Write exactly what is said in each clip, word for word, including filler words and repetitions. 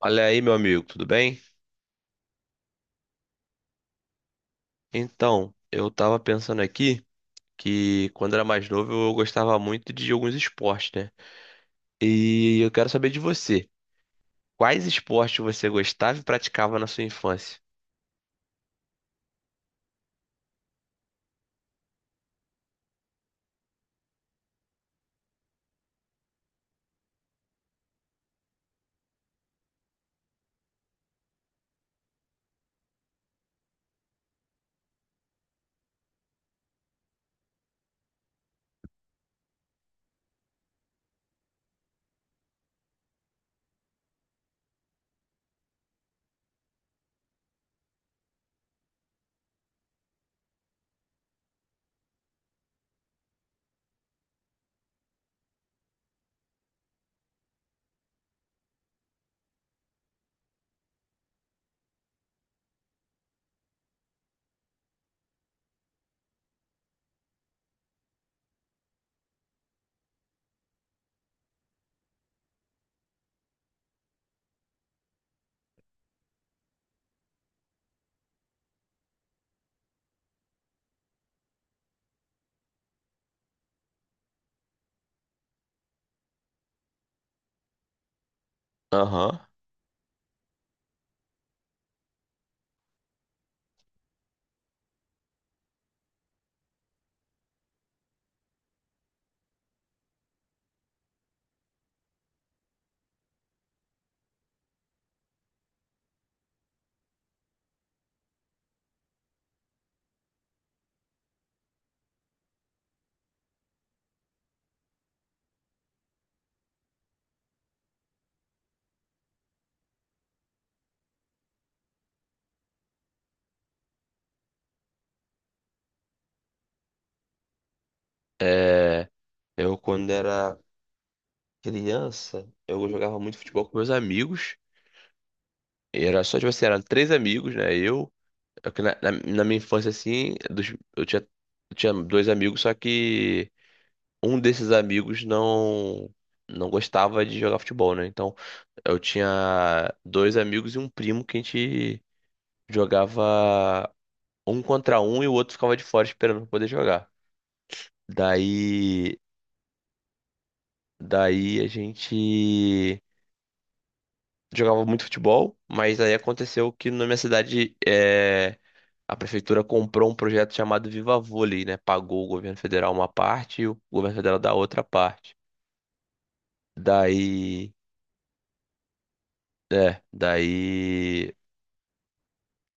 Olha aí, meu amigo, tudo bem? Então, eu tava pensando aqui que quando era mais novo eu gostava muito de alguns esportes, né? E eu quero saber de você. Quais esportes você gostava e praticava na sua infância? Aham. É, eu quando era criança, eu jogava muito futebol com meus amigos. E era só, tipo assim, eram três amigos, né? Eu, eu que na, na- na minha infância, assim, dos- eu tinha, eu tinha dois amigos, só que um desses amigos não não gostava de jogar futebol, né? Então eu tinha dois amigos e um primo que a gente jogava um contra um e o outro ficava de fora esperando pra poder jogar. Daí daí a gente jogava muito futebol, mas aí aconteceu que na minha cidade é, a prefeitura comprou um projeto chamado Viva Vôlei, né? Pagou o governo federal uma parte e o governo federal da outra parte. Daí é, daí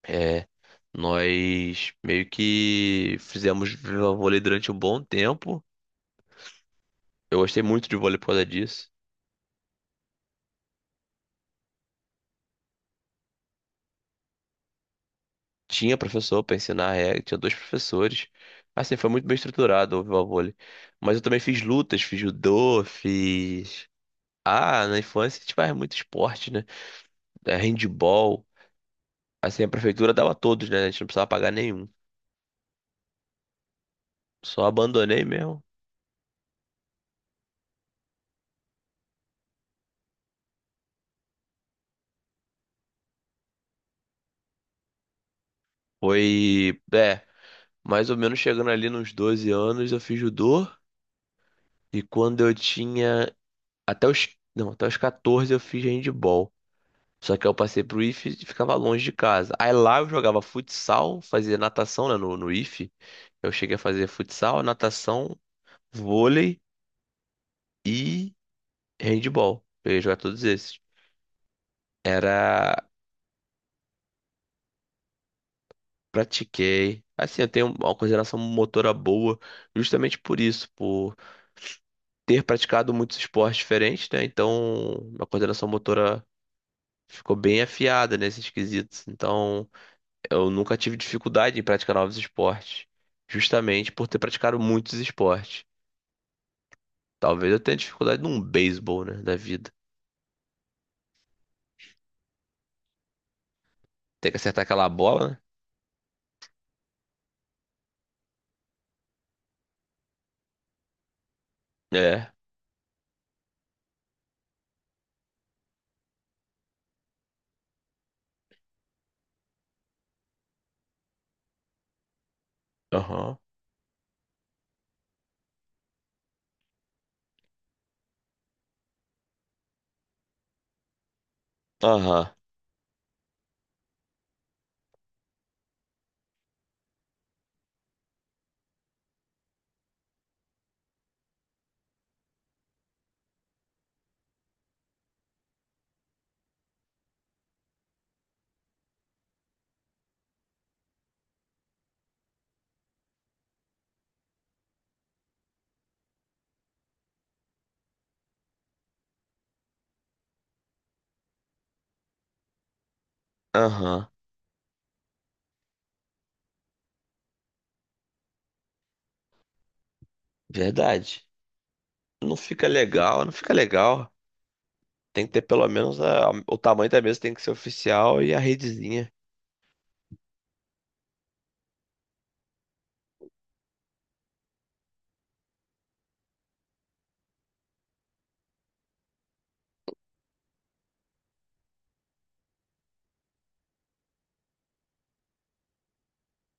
É, nós meio que fizemos vôlei durante um bom tempo. Eu gostei muito de vôlei por causa disso. Tinha professor para ensinar a regra, tinha dois professores. Assim, foi muito bem estruturado o vôlei. Mas eu também fiz lutas, fiz judô, fiz. Ah, na infância a gente faz muito esporte, né? É, handball. Assim, a prefeitura dava a todos, né? A gente não precisava pagar nenhum. Só abandonei mesmo. Foi, é, mais ou menos chegando ali nos doze anos, eu fiz judô. E quando eu tinha até os, não, até os quatorze eu fiz handball. Só que eu passei pro ife e ficava longe de casa. Aí lá eu jogava futsal, fazia natação, né, no, no ife. Eu cheguei a fazer futsal, natação, vôlei e handball. Eu ia jogar todos esses. Era, Pratiquei. Assim, eu tenho uma coordenação motora boa, justamente por isso, por ter praticado muitos esportes diferentes, né? Então, a coordenação motora ficou bem afiada nesses quesitos. Então, eu nunca tive dificuldade em praticar novos esportes, justamente por ter praticado muitos esportes. Talvez eu tenha dificuldade num beisebol, né, da vida. Tem que acertar aquela bola, né? É. Aham. Aham. Aham. Verdade. Não fica legal, não fica legal. Tem que ter pelo menos a- o tamanho da mesa tem que ser oficial e a redezinha,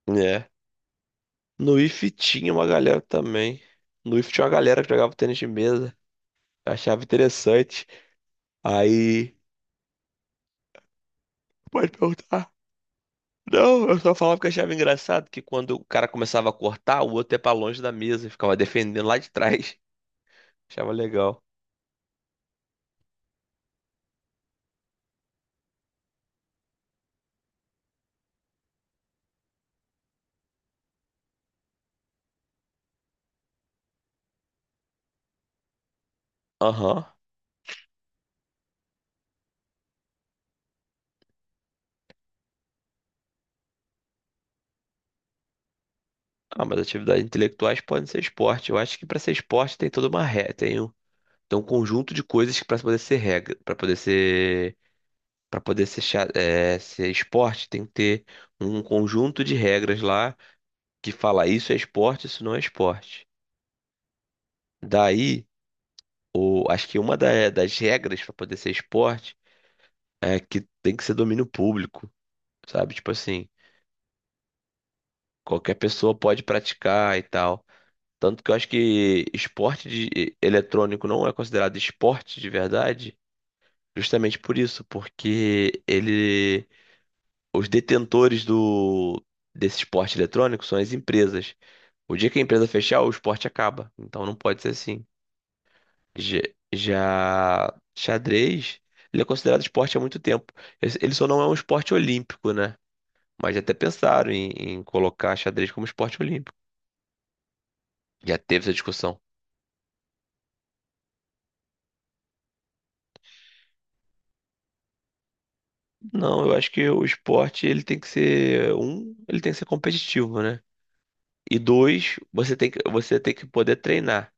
né? No I F tinha uma galera também. No I F tinha uma galera que jogava tênis de mesa. Eu achava interessante. Aí, pode perguntar. Não, eu só falava que eu achava engraçado que quando o cara começava a cortar, o outro ia pra longe da mesa, ficava defendendo lá de trás. Achava legal. Aham. Ah, mas atividades intelectuais podem ser esporte. Eu acho que pra ser esporte tem toda uma regra, tem um, tem um conjunto de coisas que pra poder ser regra, Pra poder ser para poder ser, cha- é, ser esporte, tem que ter um conjunto de regras lá que fala isso é esporte, isso não é esporte. Daí, o, acho que uma da- das regras pra poder ser esporte é que tem que ser domínio público, sabe? Tipo assim, qualquer pessoa pode praticar e tal. Tanto que eu acho que esporte de- eletrônico não é considerado esporte de verdade, justamente por isso, porque ele, os detentores do desse esporte eletrônico são as empresas. O dia que a empresa fechar, o esporte acaba. Então não pode ser assim. Já, já xadrez, ele é considerado esporte há muito tempo. Ele ele só não é um esporte olímpico, né? Mas já até pensaram em, em, colocar xadrez como esporte olímpico. Já teve essa discussão. Não, eu acho que o esporte ele tem que ser um, ele tem que ser competitivo, né? E dois, você tem que, você tem que poder treinar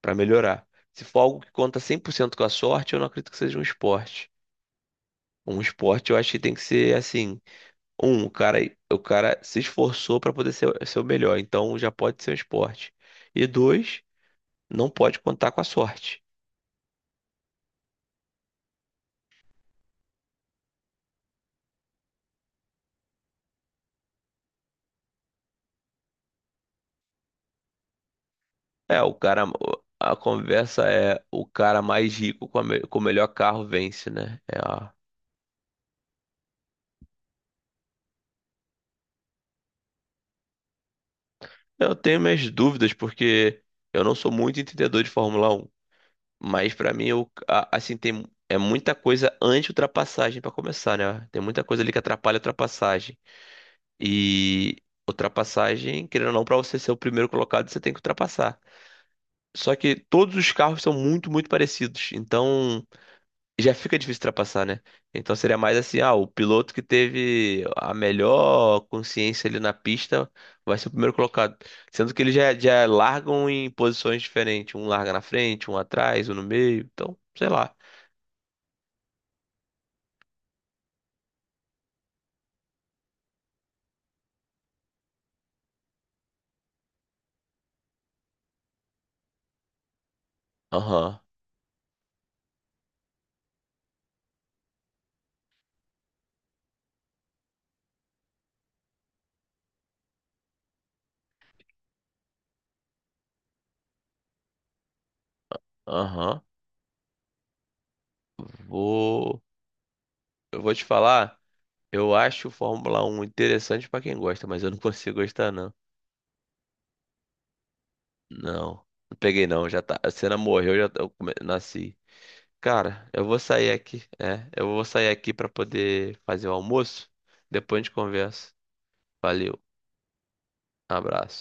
pra melhorar. Se for algo que conta cem por cento com a sorte, eu não acredito que seja um esporte. Um esporte eu acho que tem que ser assim, um, o cara, o cara se esforçou pra poder ser, ser o melhor, então já pode ser um esporte. E dois, não pode contar com a sorte. É, o cara. A conversa é o cara mais rico com, a me- com o melhor carro vence, né? É a- Eu tenho minhas dúvidas porque eu não sou muito entendedor de Fórmula Um, mas pra mim eu, a- assim tem é muita coisa anti-ultrapassagem pra começar, né? Tem muita coisa ali que atrapalha a ultrapassagem. E ultrapassagem, querendo ou não, pra você ser o primeiro colocado, você tem que ultrapassar. Só que todos os carros são muito, muito parecidos. Então, já fica difícil ultrapassar, né? Então seria mais assim, ah, o piloto que teve a melhor consciência ali na pista vai ser o primeiro colocado. Sendo que eles já, já largam em posições diferentes. Um larga na frente, um atrás, um no meio. Então, sei lá. Aham, aham. Vou. Eu vou te falar. Eu acho o Fórmula um interessante pra quem gosta, mas eu não consigo gostar, não. Não. Não peguei, não. Já tá. A cena morreu, já tá- eu come- nasci. Cara, eu vou sair aqui. É, eu vou sair aqui pra poder fazer o almoço. Depois a gente conversa. Valeu, abraço.